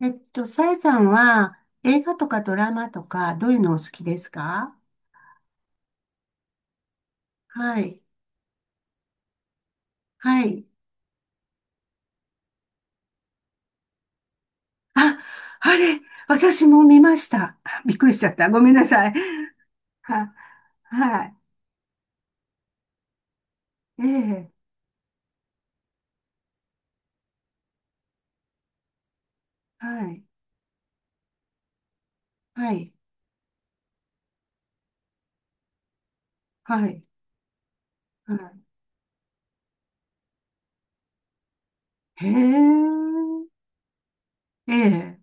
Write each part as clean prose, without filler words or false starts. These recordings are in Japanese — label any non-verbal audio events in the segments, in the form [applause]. さえさんは映画とかドラマとかどういうのお好きですか？はい。はい。あ、あれ、私も見ました。[laughs] びっくりしちゃった。ごめんなさい。は、はい。ええ、はい。はい。はい。はい。へえ、ええ、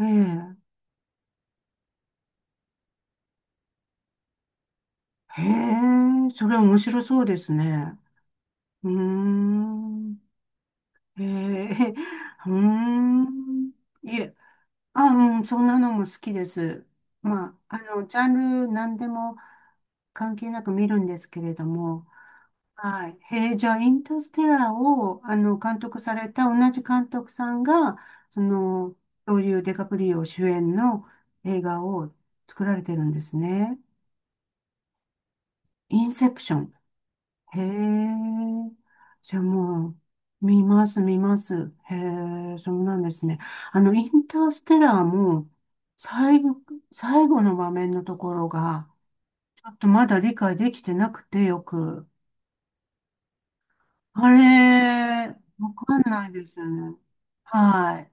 ええ、へえ、それ面白そうですね。うーん。へえ、うーん。いえあ、うん、そんなのも好きです。まあ、ジャンル何でも関係なく見るんですけれども、はい。へえ、じゃあ、インターステラーを、監督された同じ監督さんが、その、ロリオ・デカプリオ主演の映画を作られてるんですね。インセプション。へえ。じゃあもう、見ます、見ます。へえ、そうなんですね。インターステラーも、最後、最後の場面のところが、ちょっとまだ理解できてなくてよく。あれ、わかんないですよね。はい。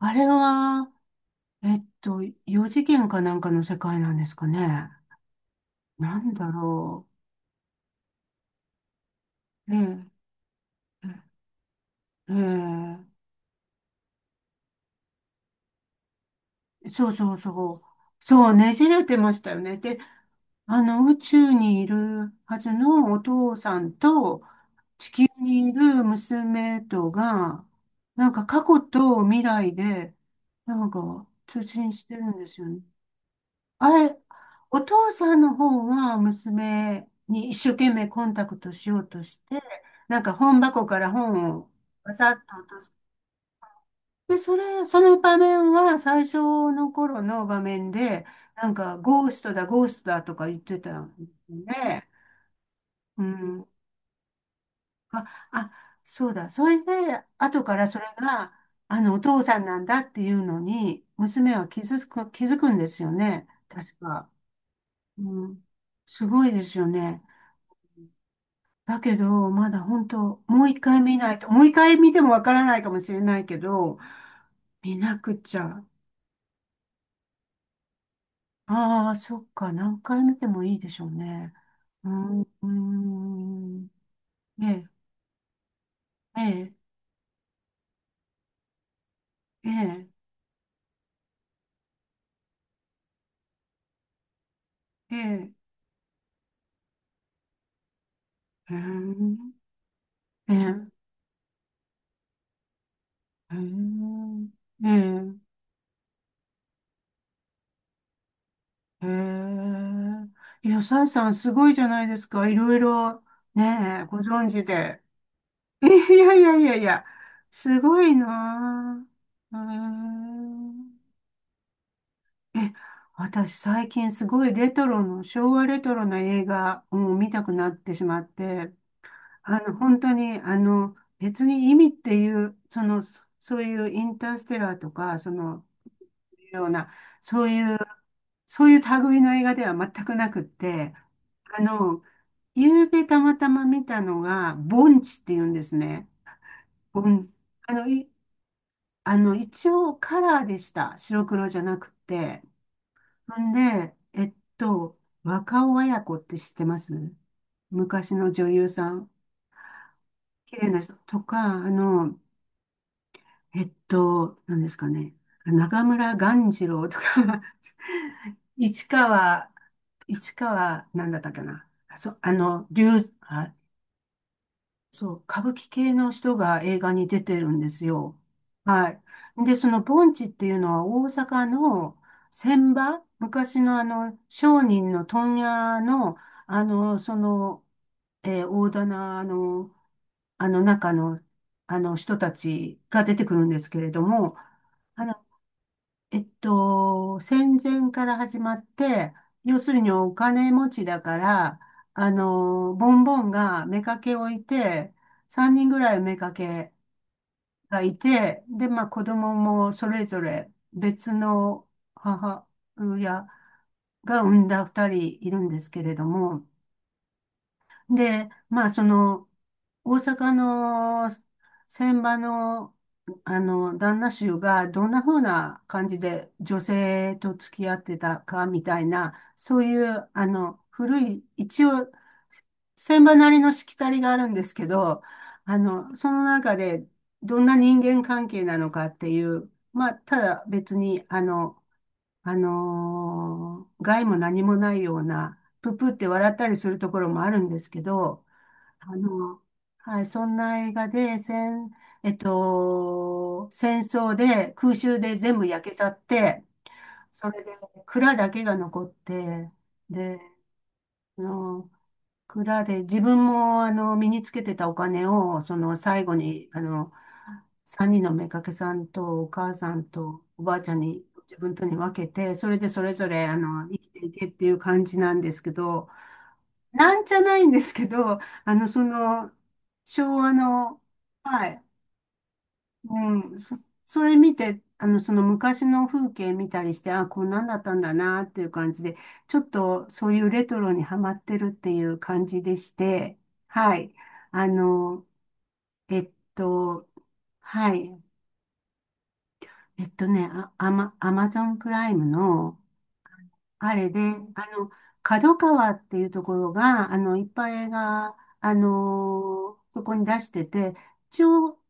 あれは、四次元かなんかの世界なんですかね。なんだろう。ええ、ええ、そうそうそう。そう、ねじれてましたよね。で、宇宙にいるはずのお父さんと地球にいる娘とが、なんか過去と未来で、なんか通信してるんですよね。あれ、お父さんの方は娘に一生懸命コンタクトしようとして、なんか本箱から本をわざっと落とで、その場面は最初の頃の場面で、なんか、ゴーストだ、ゴーストだとか言ってたんで、うん。あ、あ、そうだ。それで、後からそれが、お父さんなんだっていうのに、娘は気づくんですよね。確か。うん。すごいですよね。だけど、まだ本当、もう一回見ないと、もう一回見てもわからないかもしれないけど、見なくちゃ。ああ、そっか。何回見てもいいでしょうね。うーん、うーん、ええ、ええ、ええ、ええ、うーん、ええ、うーん、ええ、ええ。いや、さえさんすごいじゃないですか。いろいろ、ねえ、ご存知で。[laughs] いやいやいやいや、すごいなあ。うーん。え、私最近すごいレトロの、昭和レトロな映画を見たくなってしまって、本当に、別に意味っていう、そういうインターステラーとか、その、ような、そういう、そういう類の映画では全くなくって、あの、夕べたまたま見たのが、盆地っていうんですね。盆、あの、い、あの、一応カラーでした。白黒じゃなくて。ほんで、若尾文子って知ってます？昔の女優さん。綺麗な人とか、何ですかね。中村鴈治郎とか [laughs] 市川、市川、なんだったかな。そ、あの、竜、あ、そう、歌舞伎系の人が映画に出てるんですよ。はい。で、その盆地っていうのは大阪の船場、昔のあの商人の問屋の、あの、その、大棚の、あの中の、あの人たちが出てくるんですけれども、あの、戦前から始まって、要するにお金持ちだから、ボンボンが妾をいて、3人ぐらい妾がいて、で、まあ子供もそれぞれ別の母親が産んだ2人いるんですけれども、で、まあ、大阪の船場の、旦那衆がどんな風な感じで女性と付き合ってたかみたいな、そういう、古い、一応、船場なりのしきたりがあるんですけど、その中でどんな人間関係なのかっていう、まあ、ただ別に、害も何もないような、ププって笑ったりするところもあるんですけど、あの、はい、そんな映画で、戦、えっと、戦争で空襲で全部焼けちゃって、それで蔵だけが残って、で、あの蔵で自分も身につけてたお金をその最後に3人の妾さんとお母さんとおばあちゃんに自分とに分けて、それでそれぞれ生きていけっていう感じなんですけど、なんじゃないんですけど、あのその昭和の、はい。うん、それ見て、その昔の風景見たりして、あ、こんなんだったんだなっていう感じで、ちょっとそういうレトロにハマってるっていう感じでして、はい。あの、えっと、はい。アマゾンプライムの、あれで、あの、角川っていうところが、いっぱい映画、そこに出してて、一応、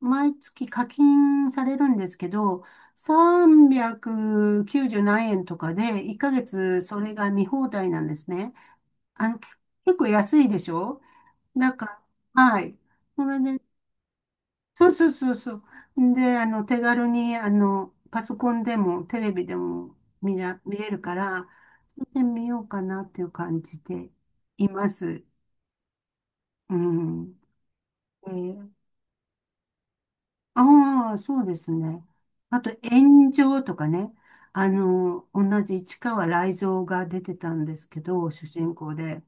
毎月課金されるんですけど、390何円とかで、1ヶ月それが見放題なんですね。あの、け結構安いでしょ？なんか、はい。それで、そうそうそうそう。で、手軽に、パソコンでもテレビでも見れるから、見てみようかなっていう感じでいます。うん。えーああ、そうですね。あと、炎上とかね。同じ市川雷蔵が出てたんですけど、主人公で。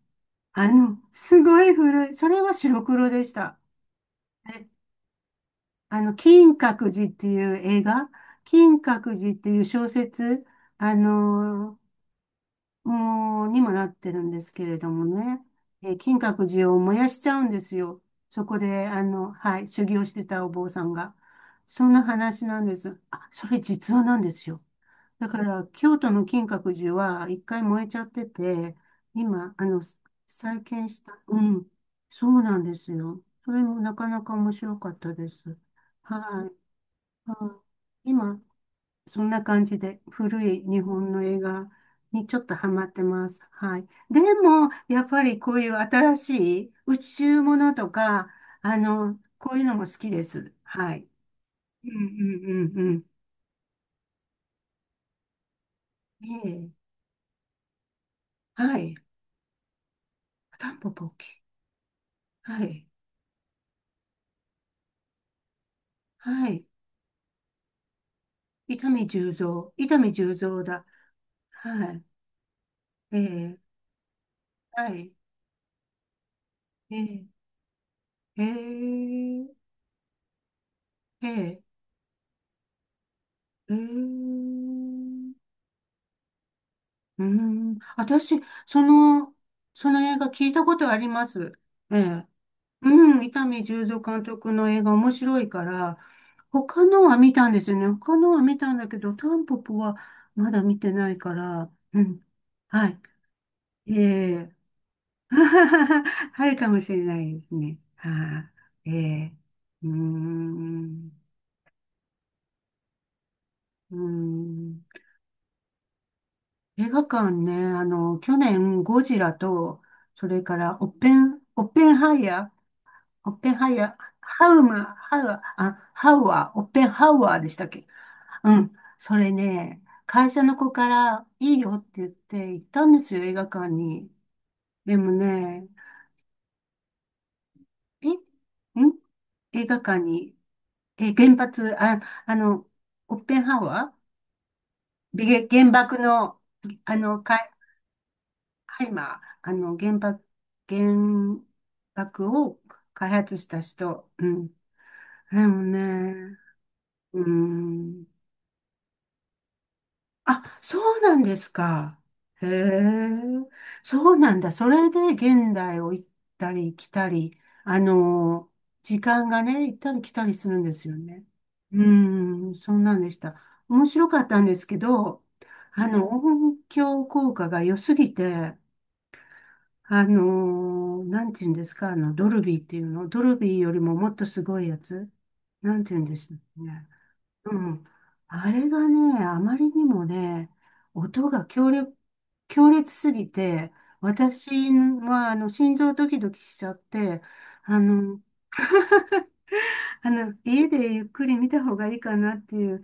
すごい古い。それは白黒でした。ね。金閣寺っていう映画、金閣寺っていう小説、あのもう、にもなってるんですけれどもね、金閣寺を燃やしちゃうんですよ。そこで、はい、修行してたお坊さんが。そんな話なんです。あ、それ実話なんですよ。だから、京都の金閣寺は一回燃えちゃってて、今、再建した。うん、そうなんですよ。それもなかなか面白かったです。はい。あ、今、そんな感じで古い日本の映画にちょっとハマってます。はい。でも、やっぱりこういう新しい宇宙ものとか、こういうのも好きです。はい。うんうんうんうん。ええ。はい。タンポポキ。はい。はい。伊丹十三。伊丹十三だ。はい。ええ。はい。ええ。ええ。ええ。ええ。うーん、私、その、その映画聞いたことあります。ええ。うん、伊丹十三監督の映画面白いから、他のは見たんですよね。他のは見たんだけど、タンポポはまだ見てないから、うん。はい。ええ。[laughs] あるかもしれないですね。はい。ええ。うーん。うーん。映画館ね、去年、ゴジラと、それから、オッペンハイヤー、オッペンハイヤー、ハウム、ハウ、あ、ハウアー、オッペンハウアーでしたっけ？うん。それね、会社の子からいいよって言って行ったんですよ、映画館に。でもね、え、ん映画館に、え、原発、あ、あの、オッペンハウアー、原爆の、あの、かい、ハイマー、原爆を開発した人。うん。でもね、うん。あ、そうなんですか。へえ、そうなんだ。それで現代を行ったり来たり、あの、時間がね、行ったり来たりするんですよね。うーん、そうなんでした。面白かったんですけど、音響効果が良すぎて、なんて言うんですか、ドルビーっていうの、ドルビーよりももっとすごいやつ、なんて言うんですかね。うん。あれがね、あまりにもね、音が強烈すぎて、私は、心臓ドキドキしちゃって、あの、家でゆっくり見た方がいいかなっていう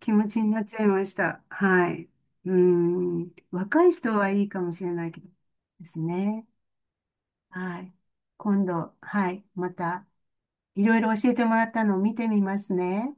気持ちになっちゃいました。はい。うん。若い人はいいかもしれないけどですね。はい。今度、はい。また、いろいろ教えてもらったのを見てみますね。